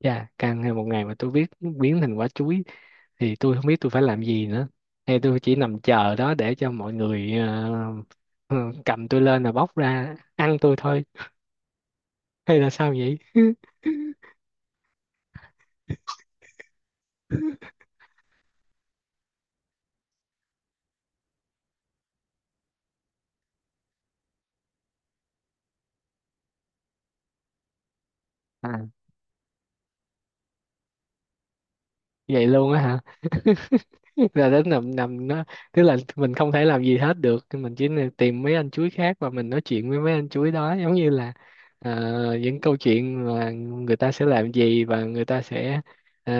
Dạ, càng hay một ngày mà tôi biết biến thành quả chuối thì tôi không biết tôi phải làm gì nữa. Hay tôi chỉ nằm chờ đó để cho mọi người ờ, cầm tôi lên là bóc ra ăn tôi thôi. Hay là sao vậy? À, vậy luôn á hả? Là đến nằm nằm nó, tức là mình không thể làm gì hết được, mình chỉ nên tìm mấy anh chuối khác và mình nói chuyện với mấy anh chuối đó, giống như là những câu chuyện mà người ta sẽ làm gì và người ta sẽ ờ,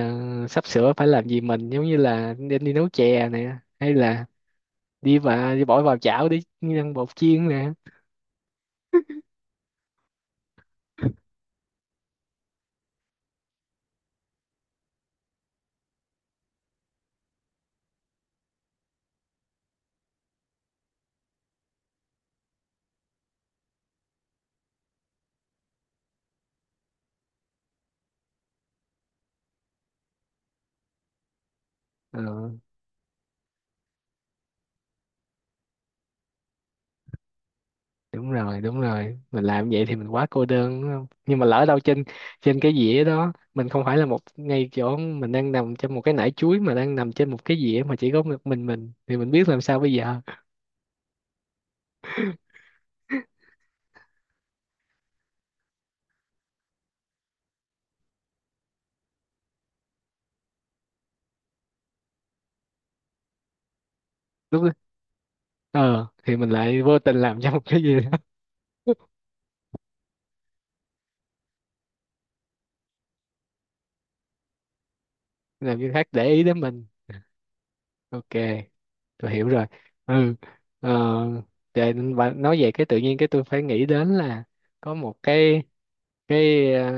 sắp sửa phải làm gì, mình giống như là đi nấu chè nè, hay là đi và đi bỏ vào chảo để ăn bột chiên nè. Ờ, đúng rồi, đúng rồi, mình làm vậy thì mình quá cô đơn đúng không, nhưng mà lỡ đâu trên trên cái dĩa đó mình không phải là một, ngay chỗ mình đang nằm trong một cái nải chuối mà đang nằm trên một cái dĩa mà chỉ có một mình thì mình biết làm sao bây giờ. lúc đó- ờ thì mình lại vô tình làm cho một cái gì đó. Làm cho khác để ý đến mình. Ok, tôi hiểu rồi. Ừ. Ờ, để và nói về cái tự nhiên, cái tôi phải nghĩ đến là có một cái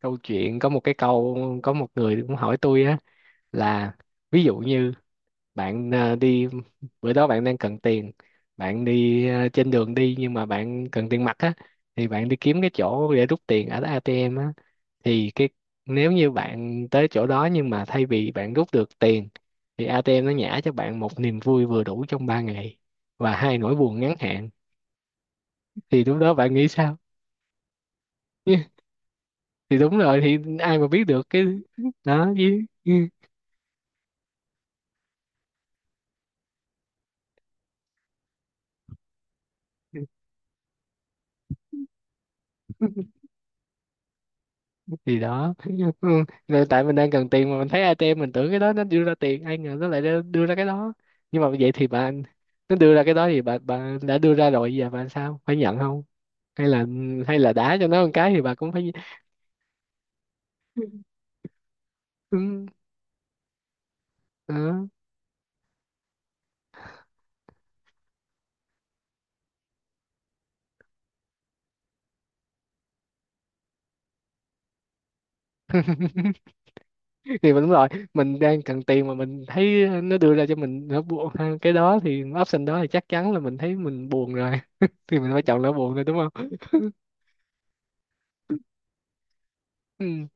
câu chuyện, có một cái câu, có một người cũng hỏi tôi á, là ví dụ như bạn đi, bữa đó bạn đang cần tiền, bạn đi trên đường đi nhưng mà bạn cần tiền mặt á, thì bạn đi kiếm cái chỗ để rút tiền ở ATM á, thì cái nếu như bạn tới chỗ đó nhưng mà thay vì bạn rút được tiền thì ATM nó nhả cho bạn một niềm vui vừa đủ trong 3 ngày và hai nỗi buồn ngắn hạn, thì lúc đó bạn nghĩ sao? Thì đúng rồi, thì ai mà biết được cái đó chứ. Thì đó. Ừ. Rồi tại mình đang cần tiền mà mình thấy ATM, mình tưởng cái đó nó đưa ra tiền, ai ngờ nó lại đưa ra cái đó. Nhưng mà vậy thì bạn, nó đưa ra cái đó thì bà đã đưa ra rồi, giờ bà sao phải nhận không, hay là, hay là đá cho nó một cái thì bà cũng phải. Ừ. Đó. Thì mình đúng rồi, mình đang cần tiền mà mình thấy nó đưa ra cho mình nó buồn ha, cái đó thì option đó thì chắc chắn là mình thấy mình buồn rồi, thì mình phải chọn nó buồn thôi đúng không. Ừ,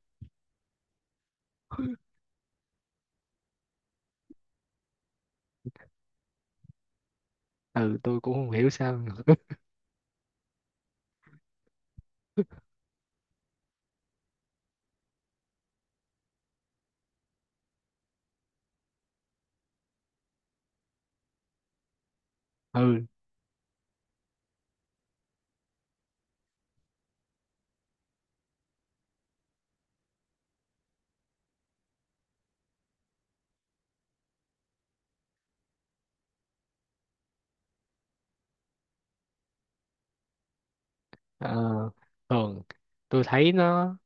ừ tôi cũng không hiểu sao. Ừ. Ờ, thường tôi thấy nó,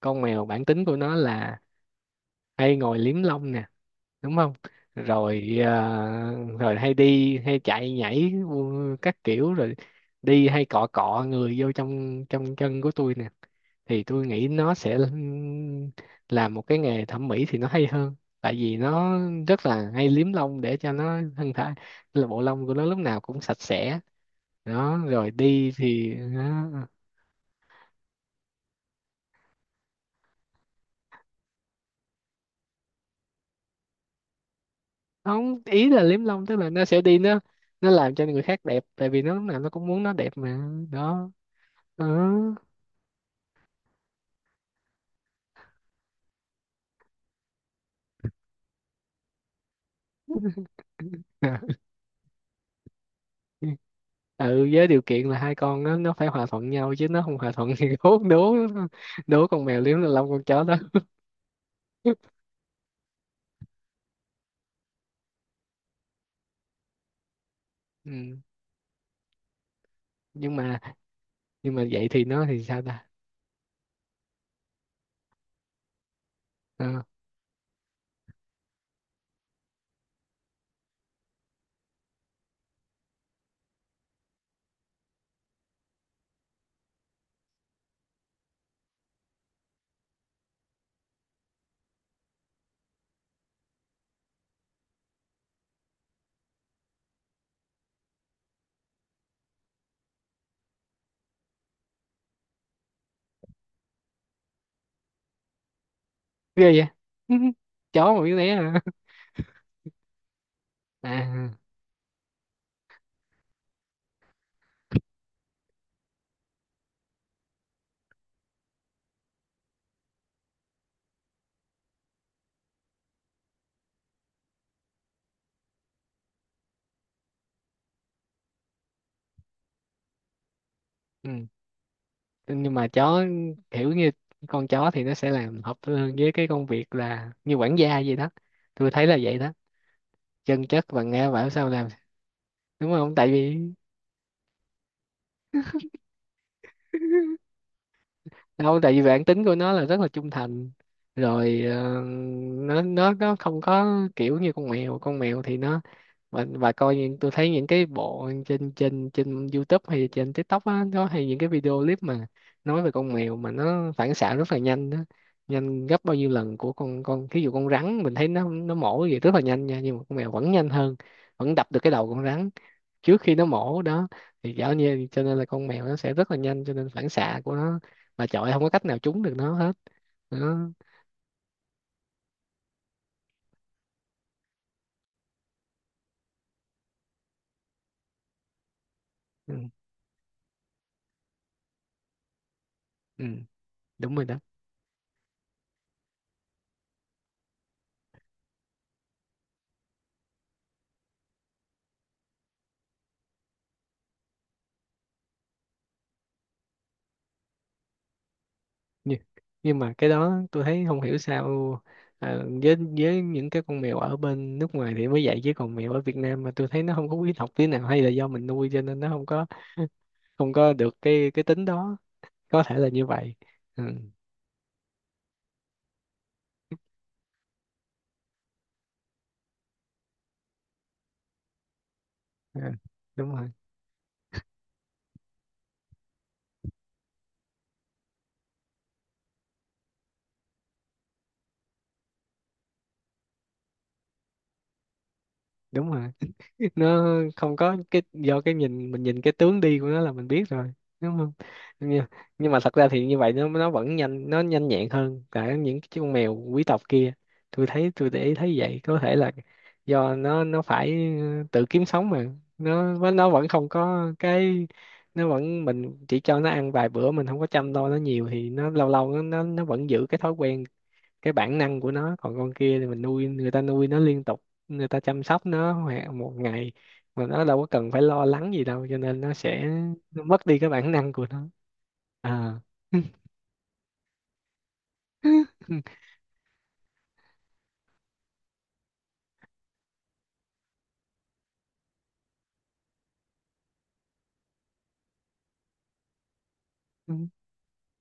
con mèo bản tính của nó là hay ngồi liếm lông nè đúng không, rồi rồi hay đi hay chạy nhảy các kiểu, rồi đi hay cọ cọ người vô trong trong chân của tôi nè, thì tôi nghĩ nó sẽ làm một cái nghề thẩm mỹ thì nó hay hơn, tại vì nó rất là hay liếm lông để cho nó thân thể, là bộ lông của nó lúc nào cũng sạch sẽ, đó rồi đi thì đó. Không, ý là liếm lông tức là nó sẽ đi, nó làm cho người khác đẹp tại vì nó lúc nào nó cũng muốn nó đẹp mà. Đó. Ừ. Ừ, với điều kiện là hai con nó phải hòa thuận nhau, chứ nó không hòa thuận thì đố đố đố con mèo liếm lên lông con chó đó. Ừ. Nhưng mà, nhưng mà vậy thì nó thì sao ta. Ừ. Ghê vậy. Chó mà biết né à? À. Ừ. Nhưng mà chó kiểu như, con chó thì nó sẽ làm hợp hơn với cái công việc là như quản gia gì đó, tôi thấy là vậy đó, chân chất và nghe bảo sao làm, đúng không, tại vì, đâu tại vì bản tính của nó là rất là trung thành, rồi nó nó không có kiểu như con mèo, con mèo thì nó, và coi những, tôi thấy những cái bộ trên trên trên YouTube hay trên TikTok á, nó hay những cái video clip mà nói về con mèo mà nó phản xạ rất là nhanh đó, nhanh gấp bao nhiêu lần của con ví dụ con rắn mình thấy nó mổ vậy rất là nhanh nha, nhưng mà con mèo vẫn nhanh hơn, vẫn đập được cái đầu con rắn trước khi nó mổ đó, thì dạo như cho nên là con mèo nó sẽ rất là nhanh, cho nên phản xạ của nó mà chọi không có cách nào trúng được nó hết đó. Ừ, ừ, đúng rồi đó. nhưng, nhưng mà cái đó tôi thấy không hiểu sao, ờ, với những cái con mèo ở bên nước ngoài thì mới dạy với con mèo ở Việt Nam mà tôi thấy nó không có quý học tí nào, hay là do mình nuôi cho nên nó không có, không có được cái tính đó, có thể là như vậy. Ừ, ừ, đúng rồi đúng rồi. Nó không có cái, do cái nhìn, mình nhìn cái tướng đi của nó là mình biết rồi đúng không. Nhưng, nhưng mà thật ra thì như vậy nó vẫn nhanh, nó nhanh nhẹn hơn cả những cái con mèo quý tộc kia, tôi thấy tôi để ý thấy vậy, có thể là do nó phải tự kiếm sống mà, nó vẫn không có cái, nó vẫn mình chỉ cho nó ăn vài bữa, mình không có chăm lo nó nhiều thì nó lâu lâu nó nó vẫn giữ cái thói quen, cái bản năng của nó. Còn con kia thì mình nuôi, người ta nuôi nó liên tục, người ta chăm sóc nó hoặc một ngày mà nó đâu có cần phải lo lắng gì đâu cho nên nó sẽ, nó mất đi cái bản năng của nó. À.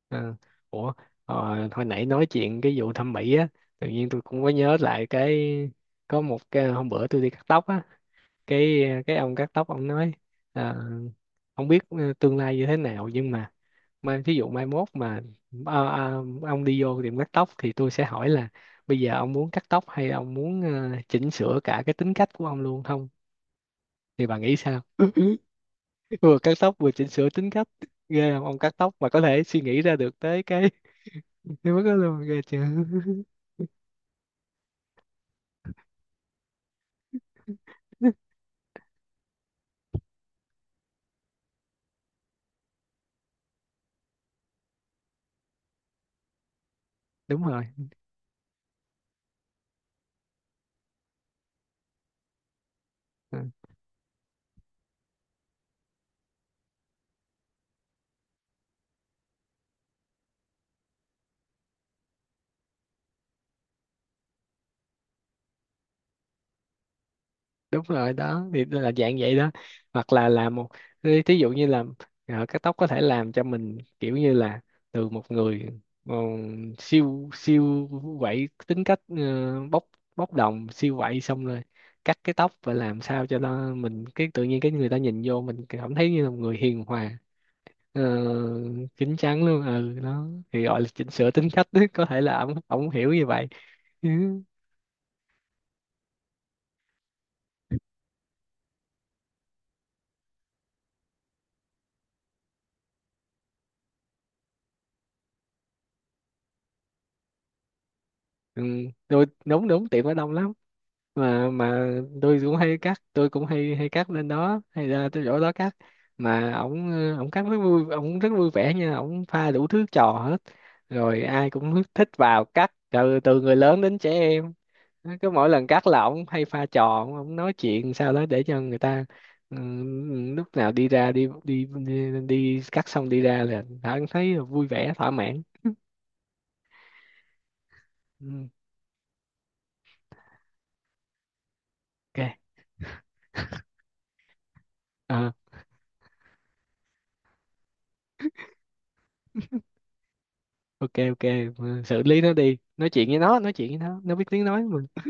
À. Ủa, ờ, hồi nãy nói chuyện cái vụ thẩm mỹ á, tự nhiên tôi cũng có nhớ lại cái, có một cái hôm bữa tôi đi cắt tóc á, cái ông cắt tóc ông nói, à, không biết tương lai như thế nào nhưng mà, mai thí dụ mai mốt mà, ông đi vô tiệm cắt tóc thì tôi sẽ hỏi là, bây giờ ông muốn cắt tóc hay ông muốn chỉnh sửa cả cái tính cách của ông luôn không, thì bà nghĩ sao? Vừa cắt tóc vừa chỉnh sửa tính cách, ghê không, ông cắt tóc mà có thể suy nghĩ ra được tới cái cái mức đó luôn, ghê chưa. Đúng rồi. Ờ. Đúng rồi đó, thì nó là dạng vậy đó, hoặc là làm một, thí thí dụ như là, ờ, cắt tóc có thể làm cho mình kiểu như là từ một người, ờ, siêu siêu quậy, tính cách bốc bốc đồng siêu quậy, xong rồi cắt cái tóc và làm sao cho nó mình cái tự nhiên cái người ta nhìn vô mình cảm thấy như là một người hiền hòa, ờ, chín chắn luôn. Ừ đó thì gọi là chỉnh sửa tính cách, có thể là ổng ổng hiểu như vậy. Ừ. Ừ, rồi đúng đúng, tiệm ở đông lắm, mà tôi cũng hay cắt, tôi cũng hay hay cắt lên đó, hay ra tới chỗ đó cắt, mà ổng, ổng cắt rất vui, ổng rất vui vẻ nha, ổng pha đủ thứ trò hết, rồi ai cũng thích vào cắt, từ từ người lớn đến trẻ em, cứ mỗi lần cắt là ổng hay pha trò, ổng ổng nói chuyện sao đó để cho người ta, ừ, lúc nào đi ra đi cắt xong đi ra là đã thấy vui vẻ thỏa mãn. Ừ, ok. À, ok, ok. Ừ, xử lý nó đi, nói chuyện với nó, nói chuyện với nó biết tiếng nói mà.